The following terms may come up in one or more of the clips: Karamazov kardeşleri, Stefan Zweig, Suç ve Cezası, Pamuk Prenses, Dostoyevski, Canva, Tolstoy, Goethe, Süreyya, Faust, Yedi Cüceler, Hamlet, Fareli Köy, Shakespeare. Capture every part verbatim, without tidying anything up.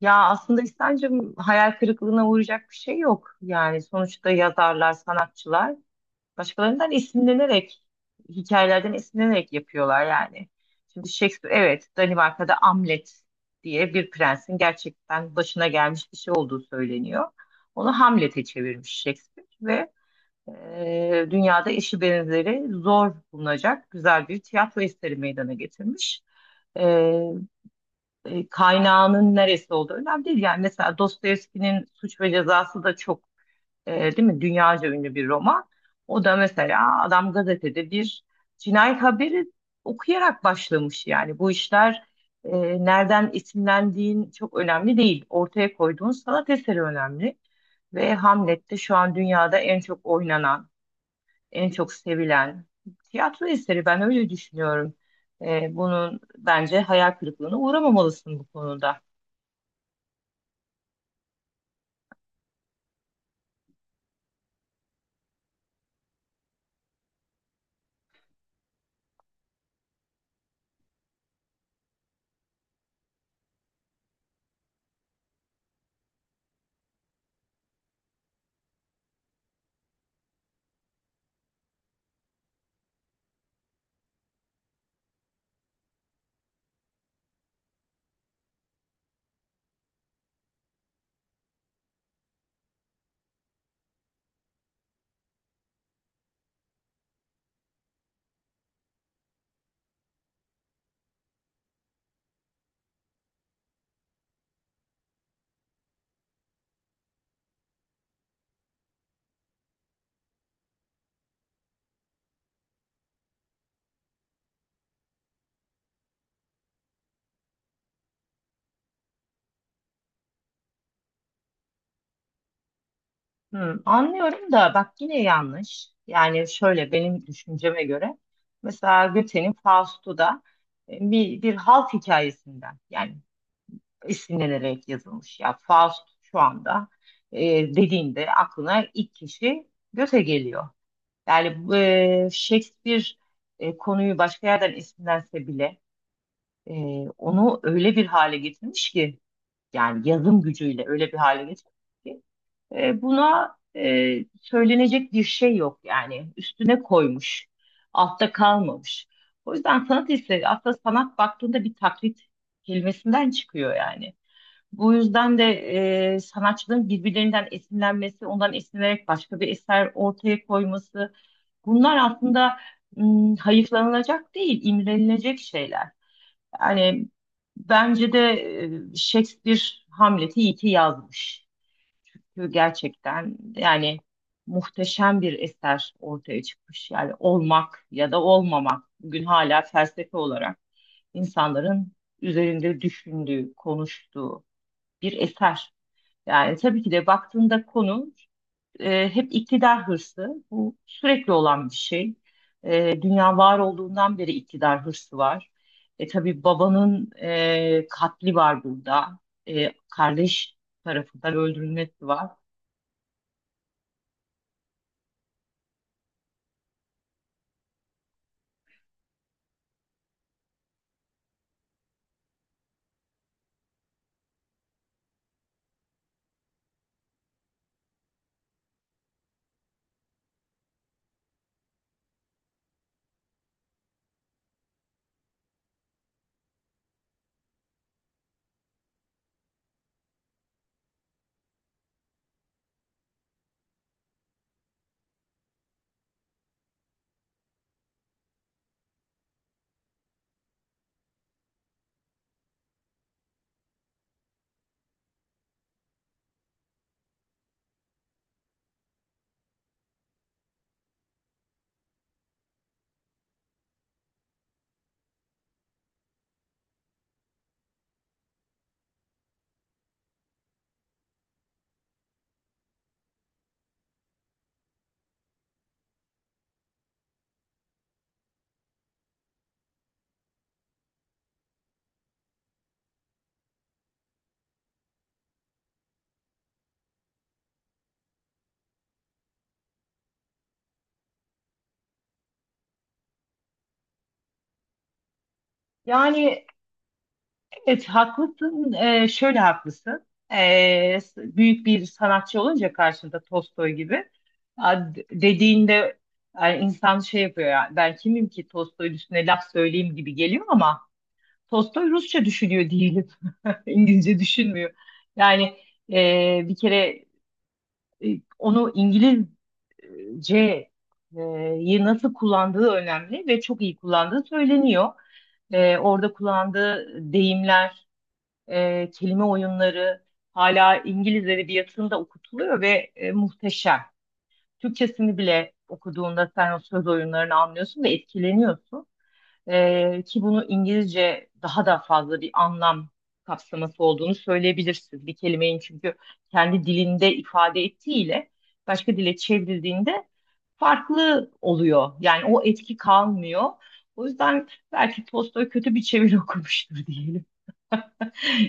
Ya aslında İhsan'cığım hayal kırıklığına uğrayacak bir şey yok. Yani sonuçta yazarlar, sanatçılar başkalarından esinlenerek, hikayelerden esinlenerek yapıyorlar yani. Şimdi Shakespeare, evet Danimarka'da Hamlet diye bir prensin gerçekten başına gelmiş bir şey olduğu söyleniyor. Onu Hamlet'e çevirmiş Shakespeare ve e, dünyada eşi benzeri zor bulunacak güzel bir tiyatro eseri meydana getirmiş. E, kaynağının neresi olduğu önemli değil. Yani mesela Dostoyevski'nin Suç ve Cezası da çok e, değil mi? Dünyaca ünlü bir roman. O da mesela adam gazetede bir cinayet haberi okuyarak başlamış yani. Bu işler e, nereden isimlendiğin çok önemli değil. Ortaya koyduğun sanat eseri önemli. Ve Hamlet'te şu an dünyada en çok oynanan, en çok sevilen tiyatro eseri. Ben öyle düşünüyorum. E, bunun bence hayal kırıklığına uğramamalısın bu konuda. Hmm, anlıyorum da bak yine yanlış. Yani şöyle benim düşünceme göre mesela Goethe'nin Faust'u da e, bir, bir halk hikayesinden yani esinlenerek yazılmış. Ya Faust şu anda e, dediğinde aklına ilk kişi Goethe geliyor. Yani bu, e, Shakespeare e, konuyu başka yerden esinlense bile e, onu öyle bir hale getirmiş ki yani yazım gücüyle öyle bir hale getirmiş ki e, buna e, söylenecek bir şey yok yani üstüne koymuş, altta kalmamış. O yüzden sanat eseri aslında sanat baktığında bir taklit kelimesinden çıkıyor yani. Bu yüzden de e, sanatçıların birbirlerinden esinlenmesi, ondan esinlenerek başka bir eser ortaya koyması, bunlar aslında m, hayıflanılacak değil, imrenilecek şeyler. Yani bence de e, Shakespeare Hamlet'i iyi ki yazmış. Çünkü gerçekten yani muhteşem bir eser ortaya çıkmış. Yani olmak ya da olmamak bugün hala felsefe olarak insanların üzerinde düşündüğü, konuştuğu bir eser. Yani tabii ki de baktığında konu e, hep iktidar hırsı. Bu sürekli olan bir şey. E, dünya var olduğundan beri iktidar hırsı var. E, tabii babanın e, katli var burada. E, kardeş tarafından öldürülmesi var. Yani evet haklısın. Ee, şöyle haklısın. Ee, s- büyük bir sanatçı olunca karşında Tolstoy gibi a- d- dediğinde yani insan şey yapıyor ya ben kimim ki Tolstoy'un üstüne laf söyleyeyim gibi geliyor ama Tolstoy Rusça düşünüyor değilim. İngilizce düşünmüyor. Yani e, bir kere e, onu İngilizce e, yi nasıl kullandığı önemli ve çok iyi kullandığı söyleniyor. E, orada kullandığı deyimler, e, kelime oyunları hala İngiliz edebiyatında okutuluyor ve e, muhteşem. Türkçesini bile okuduğunda sen o söz oyunlarını anlıyorsun ve etkileniyorsun. E, ki bunu İngilizce daha da fazla bir anlam kapsaması olduğunu söyleyebilirsin. Bir kelimenin çünkü kendi dilinde ifade ettiğiyle başka dile çevrildiğinde farklı oluyor. Yani o etki kalmıyor. O yüzden belki Tolstoy kötü bir çeviri okumuştur diyelim.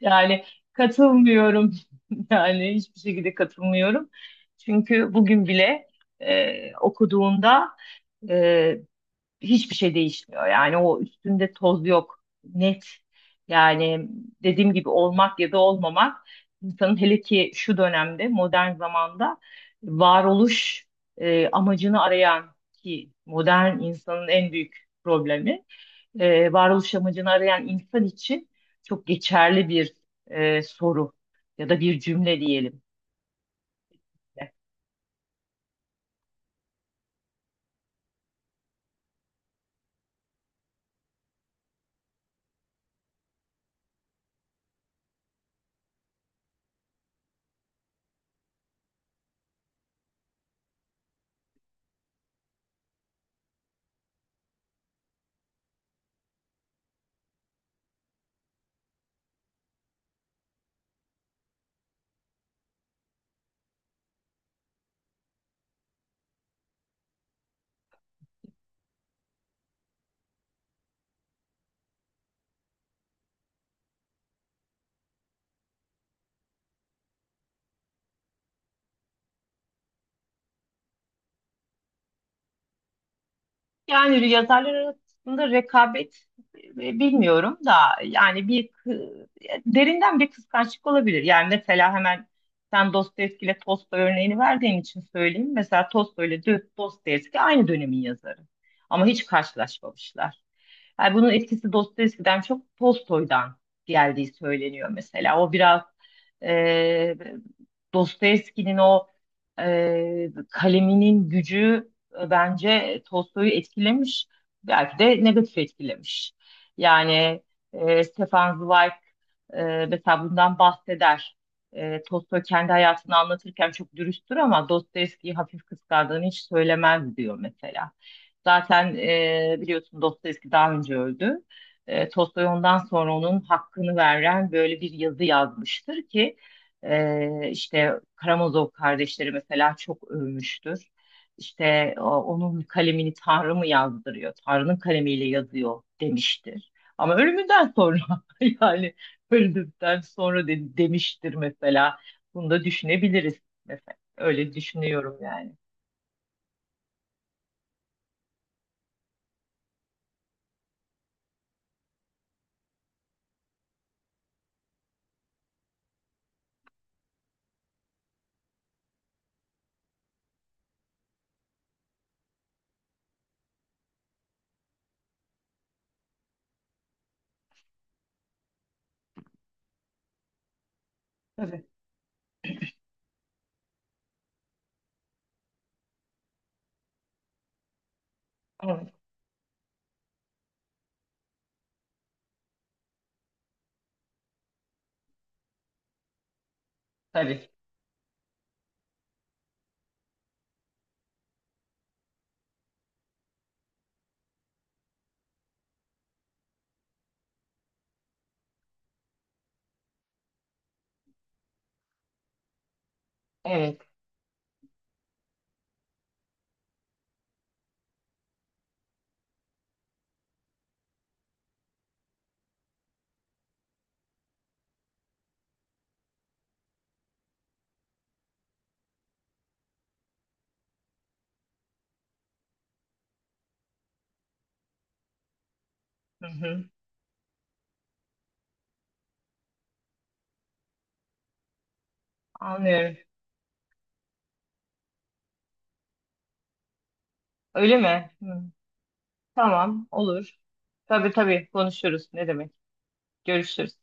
Yani katılmıyorum. Yani hiçbir şekilde katılmıyorum. Çünkü bugün bile e, okuduğunda e, hiçbir şey değişmiyor. Yani o üstünde toz yok. Net. Yani dediğim gibi olmak ya da olmamak insanın hele ki şu dönemde modern zamanda varoluş e, amacını arayan ki modern insanın en büyük problemi e, varoluş amacını arayan insan için çok geçerli bir e, soru ya da bir cümle diyelim. Yani yazarlar arasında rekabet e, bilmiyorum da yani bir kı- derinden bir kıskançlık olabilir. Yani mesela hemen sen Dostoyevski ile Tolstoy örneğini verdiğin için söyleyeyim. Mesela Tolstoy ile Dö- Dostoyevski aynı dönemin yazarı ama hiç karşılaşmamışlar. Yani bunun etkisi Dostoyevski'den çok Tolstoy'dan geldiği söyleniyor mesela. O biraz e, Dostoyevski'nin o e, kaleminin gücü e, bence Tolstoy'u etkilemiş, belki de negatif etkilemiş. Yani e, Stefan Zweig e, mesela bundan bahseder. E, Tolstoy kendi hayatını anlatırken çok dürüsttür ama Dostoyevski'yi hafif kıskandığını hiç söylemez diyor mesela. Zaten e, biliyorsun Dostoyevski daha önce öldü. E, Tolstoy ondan sonra onun hakkını veren böyle bir yazı yazmıştır ki e, işte Karamazov kardeşleri mesela çok övmüştür işte o- onun kalemini Tanrı mı yazdırıyor? Tanrı'nın kalemiyle yazıyor demiştir. Ama ölümünden sonra yani öldükten sonra de- demiştir mesela. Bunu da düşünebiliriz mesela. Öyle düşünüyorum yani. Tabii. Evet. Tabii. Evet. Hı hı. Anlıyorum. Öyle mi? Hı. Tamam, olur. Tabii tabii konuşuruz. Ne demek? Görüşürüz.